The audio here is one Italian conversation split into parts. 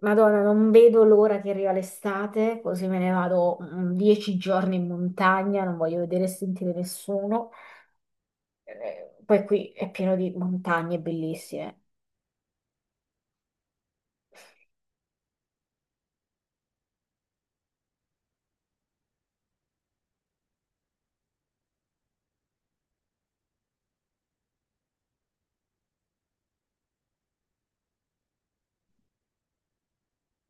Madonna, non vedo l'ora che arriva l'estate, così me ne vado 10 giorni in montagna, non voglio vedere e sentire nessuno. Poi qui è pieno di montagne bellissime.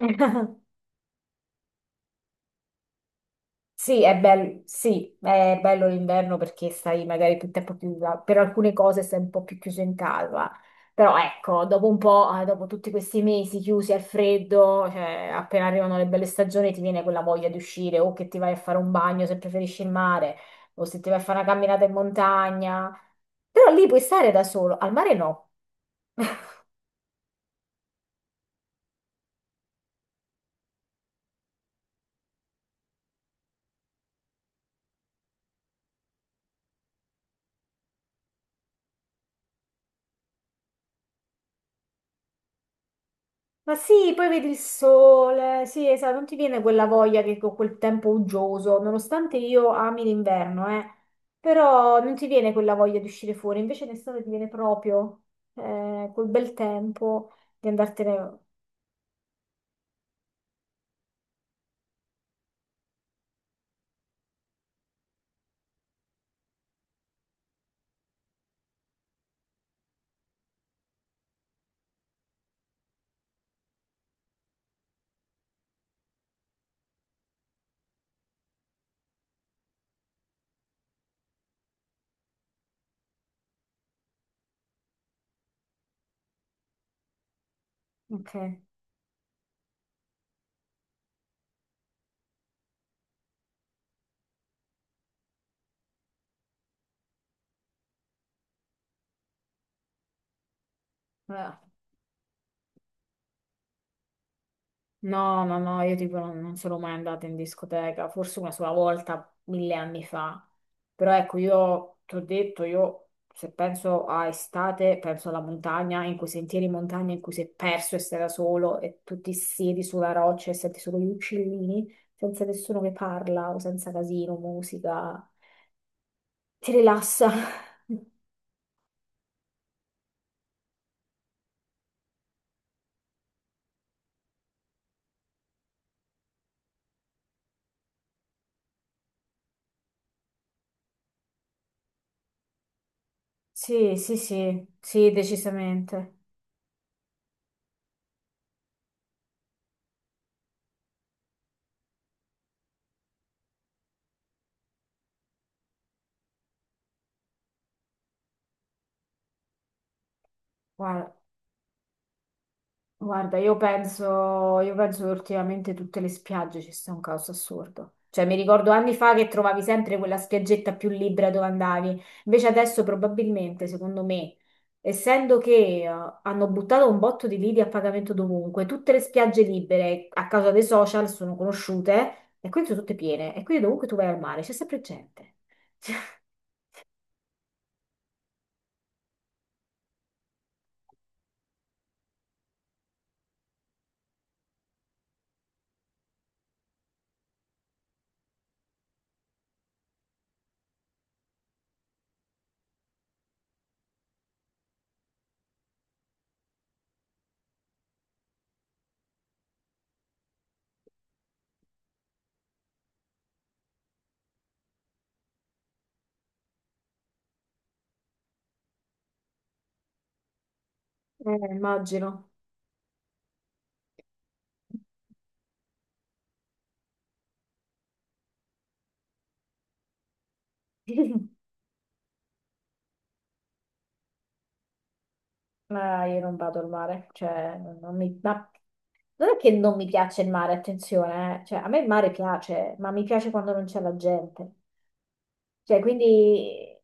Sì, è bello l'inverno perché stai magari più tempo chiusa, per alcune cose stai un po' più chiuso in casa, però ecco, dopo un po', dopo tutti questi mesi chiusi al freddo, cioè, appena arrivano le belle stagioni ti viene quella voglia di uscire o che ti vai a fare un bagno se preferisci il mare o se ti vai a fare una camminata in montagna, però lì puoi stare da solo, al mare no. Ma sì, poi vedi il sole, sì, esatto, non ti viene quella voglia che con quel tempo uggioso, nonostante io ami l'inverno, però non ti viene quella voglia di uscire fuori, invece in estate ti viene proprio quel bel tempo di andartene. Ok. Eh. No, no, no, io tipo non sono mai andata in discoteca, forse una sola volta, 1000 anni fa. Però ecco, io ti ho detto, io se penso a estate, penso alla montagna, in quei sentieri in montagna in cui sei perso e sei da solo e tu ti siedi sulla roccia e senti solo gli uccellini, senza nessuno che parla o senza casino, musica. Ti rilassa. Sì, sì, sì, sì, decisamente. Guarda. Guarda, io penso che ultimamente tutte le spiagge ci sia un caos assurdo. Cioè, mi ricordo anni fa che trovavi sempre quella spiaggetta più libera dove andavi. Invece adesso probabilmente, secondo me, essendo che hanno buttato un botto di lidi a pagamento dovunque, tutte le spiagge libere a causa dei social sono conosciute e quindi sono tutte piene. E quindi dovunque tu vai al mare c'è sempre gente. Cioè, immagino. Ma io non vado al mare, cioè, non non mi- ma non è che non mi piace il mare, attenzione, eh. Cioè, a me il mare piace, ma mi piace quando non c'è la gente. Cioè, quindi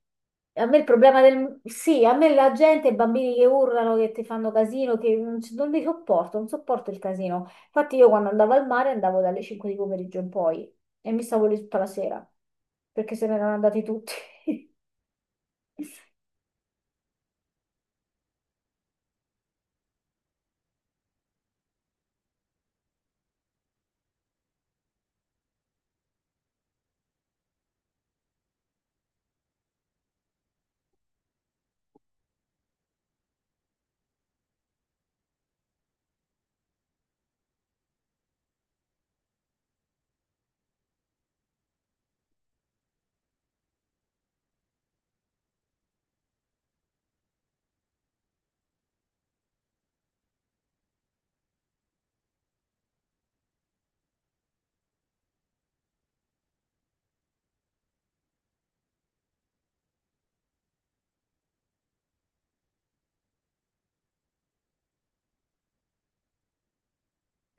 a me il problema del, sì, a me la gente, i bambini che urlano, che ti fanno casino, che non li sopporto, non sopporto il casino. Infatti io quando andavo al mare andavo dalle 5 di pomeriggio in poi e mi stavo lì tutta la sera, perché se ne erano andati tutti.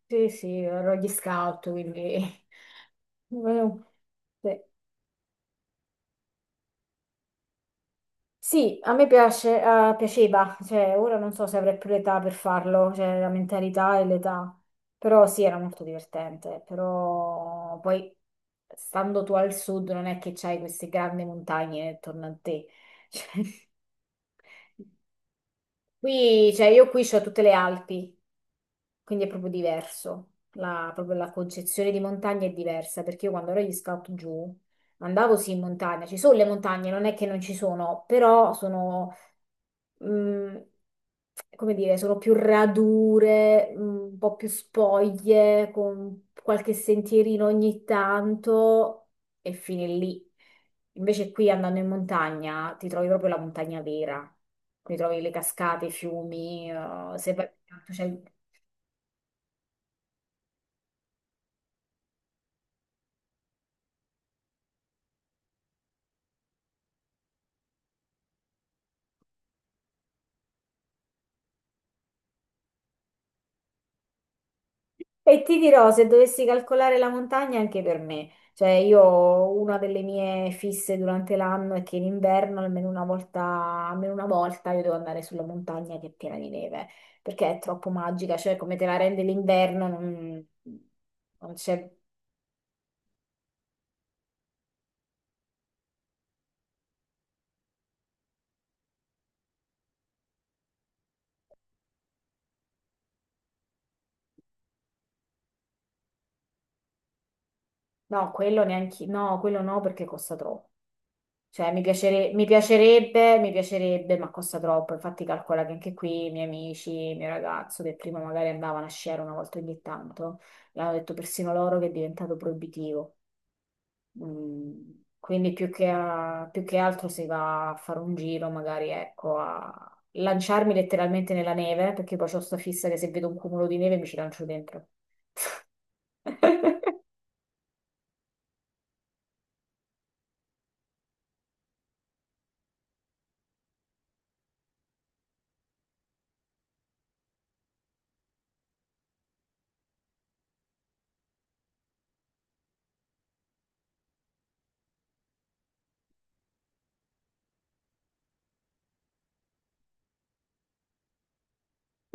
Sì, sì, ero gli scout, quindi. Sì. Sì, a me piace, piaceva, cioè ora non so se avrei più l'età per farlo, cioè la mentalità e l'età, però sì, era molto divertente, però poi stando tu al sud non è che c'hai queste grandi montagne attorno a te. Cioè, qui, cioè io qui c'ho tutte le Alpi, quindi è proprio diverso, la, proprio la concezione di montagna è diversa, perché io quando ero agli scout giù andavo sì in montagna, ci sono le montagne, non è che non ci sono, però sono mm, come dire, sono più radure, un po' più spoglie, con qualche sentierino ogni tanto e fine lì. Invece qui andando in montagna ti trovi proprio la montagna vera, qui trovi le cascate, i fiumi, se vai tanto c'è. E ti dirò, se dovessi calcolare la montagna anche per me, cioè io una delle mie fisse durante l'anno è che in inverno almeno una volta io devo andare sulla montagna che è piena di neve, perché è troppo magica, cioè come te la rende l'inverno non c'è, no, quello neanche, no, quello no perché costa troppo. Cioè, mi piacerebbe, ma costa troppo. Infatti, calcola che anche qui i miei amici, il mio ragazzo del primo magari andavano a sciare una volta ogni tanto, e hanno detto persino loro che è diventato proibitivo. Mm, Quindi più che altro si va a fare un giro, magari ecco, a lanciarmi letteralmente nella neve, perché poi ho sta fissa che se vedo un cumulo di neve mi ci lancio dentro.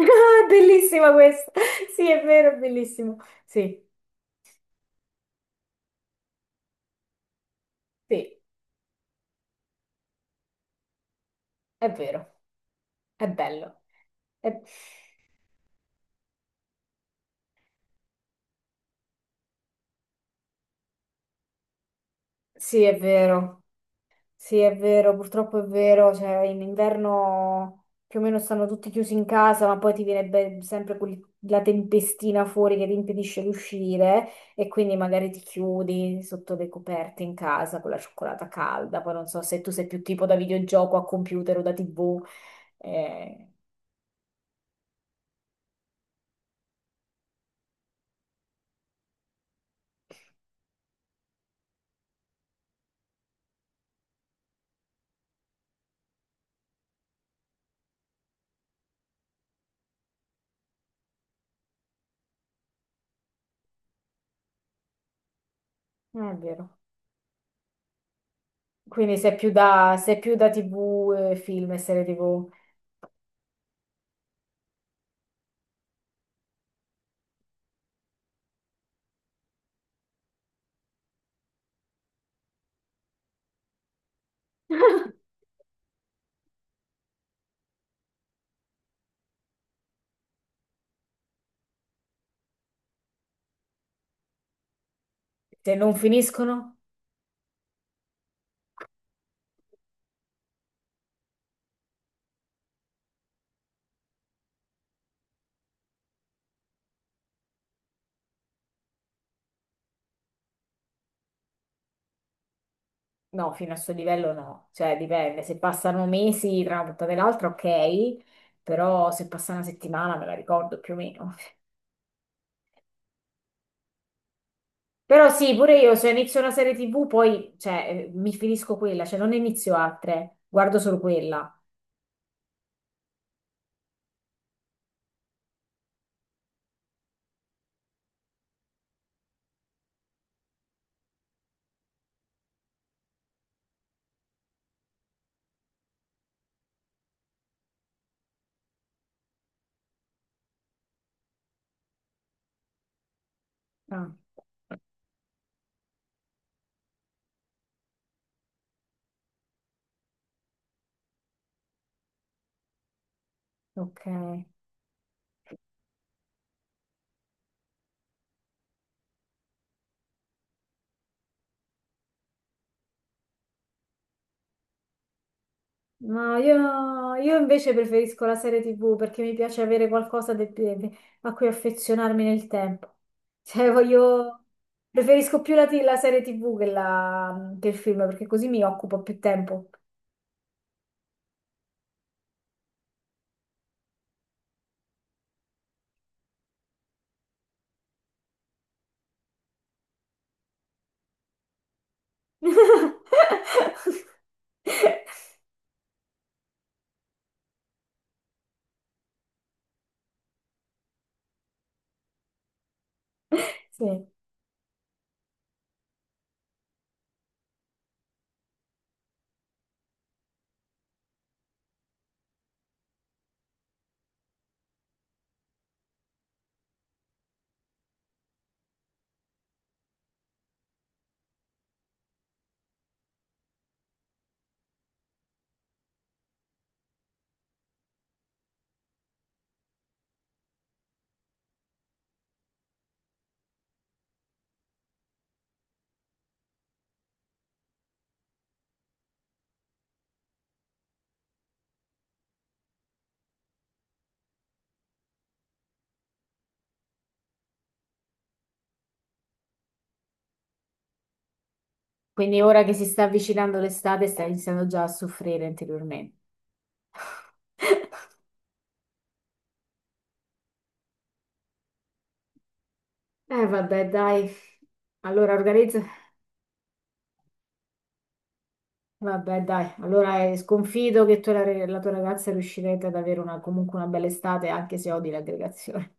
Ah, bellissima questa! Sì, è vero, è bellissimo. Sì, sì, è vero. È bello. Eh, Sì, è vero, sì, è vero, purtroppo è vero, cioè in inverno più o meno stanno tutti chiusi in casa, ma poi ti viene sempre la tempestina fuori che ti impedisce di uscire e quindi magari ti chiudi sotto le coperte in casa con la cioccolata calda, poi non so se tu sei più tipo da videogioco a computer o da TV, eh, è vero. Quindi sei più da TV, film e serie TV. Se non finiscono? No, fino al suo livello no, cioè dipende, se passano mesi tra una puntata e l'altra ok, però se passa una settimana me la ricordo più o meno. Però sì, pure io se inizio una serie TV poi cioè, mi finisco quella, cioè non ne inizio altre, guardo solo quella. Ah, ok. No, io invece preferisco la serie TV perché mi piace avere qualcosa a cui affezionarmi nel tempo. Cioè, voglio... Preferisco più la serie TV che il film perché così mi occupo più tempo. Sì. Quindi ora che si sta avvicinando l'estate, stai iniziando già a soffrire interiormente. Vabbè, dai. Allora, organizza. Vabbè, dai, allora sconfido che tu e la tua ragazza riuscirete ad avere comunque una bella estate, anche se odi l'aggregazione.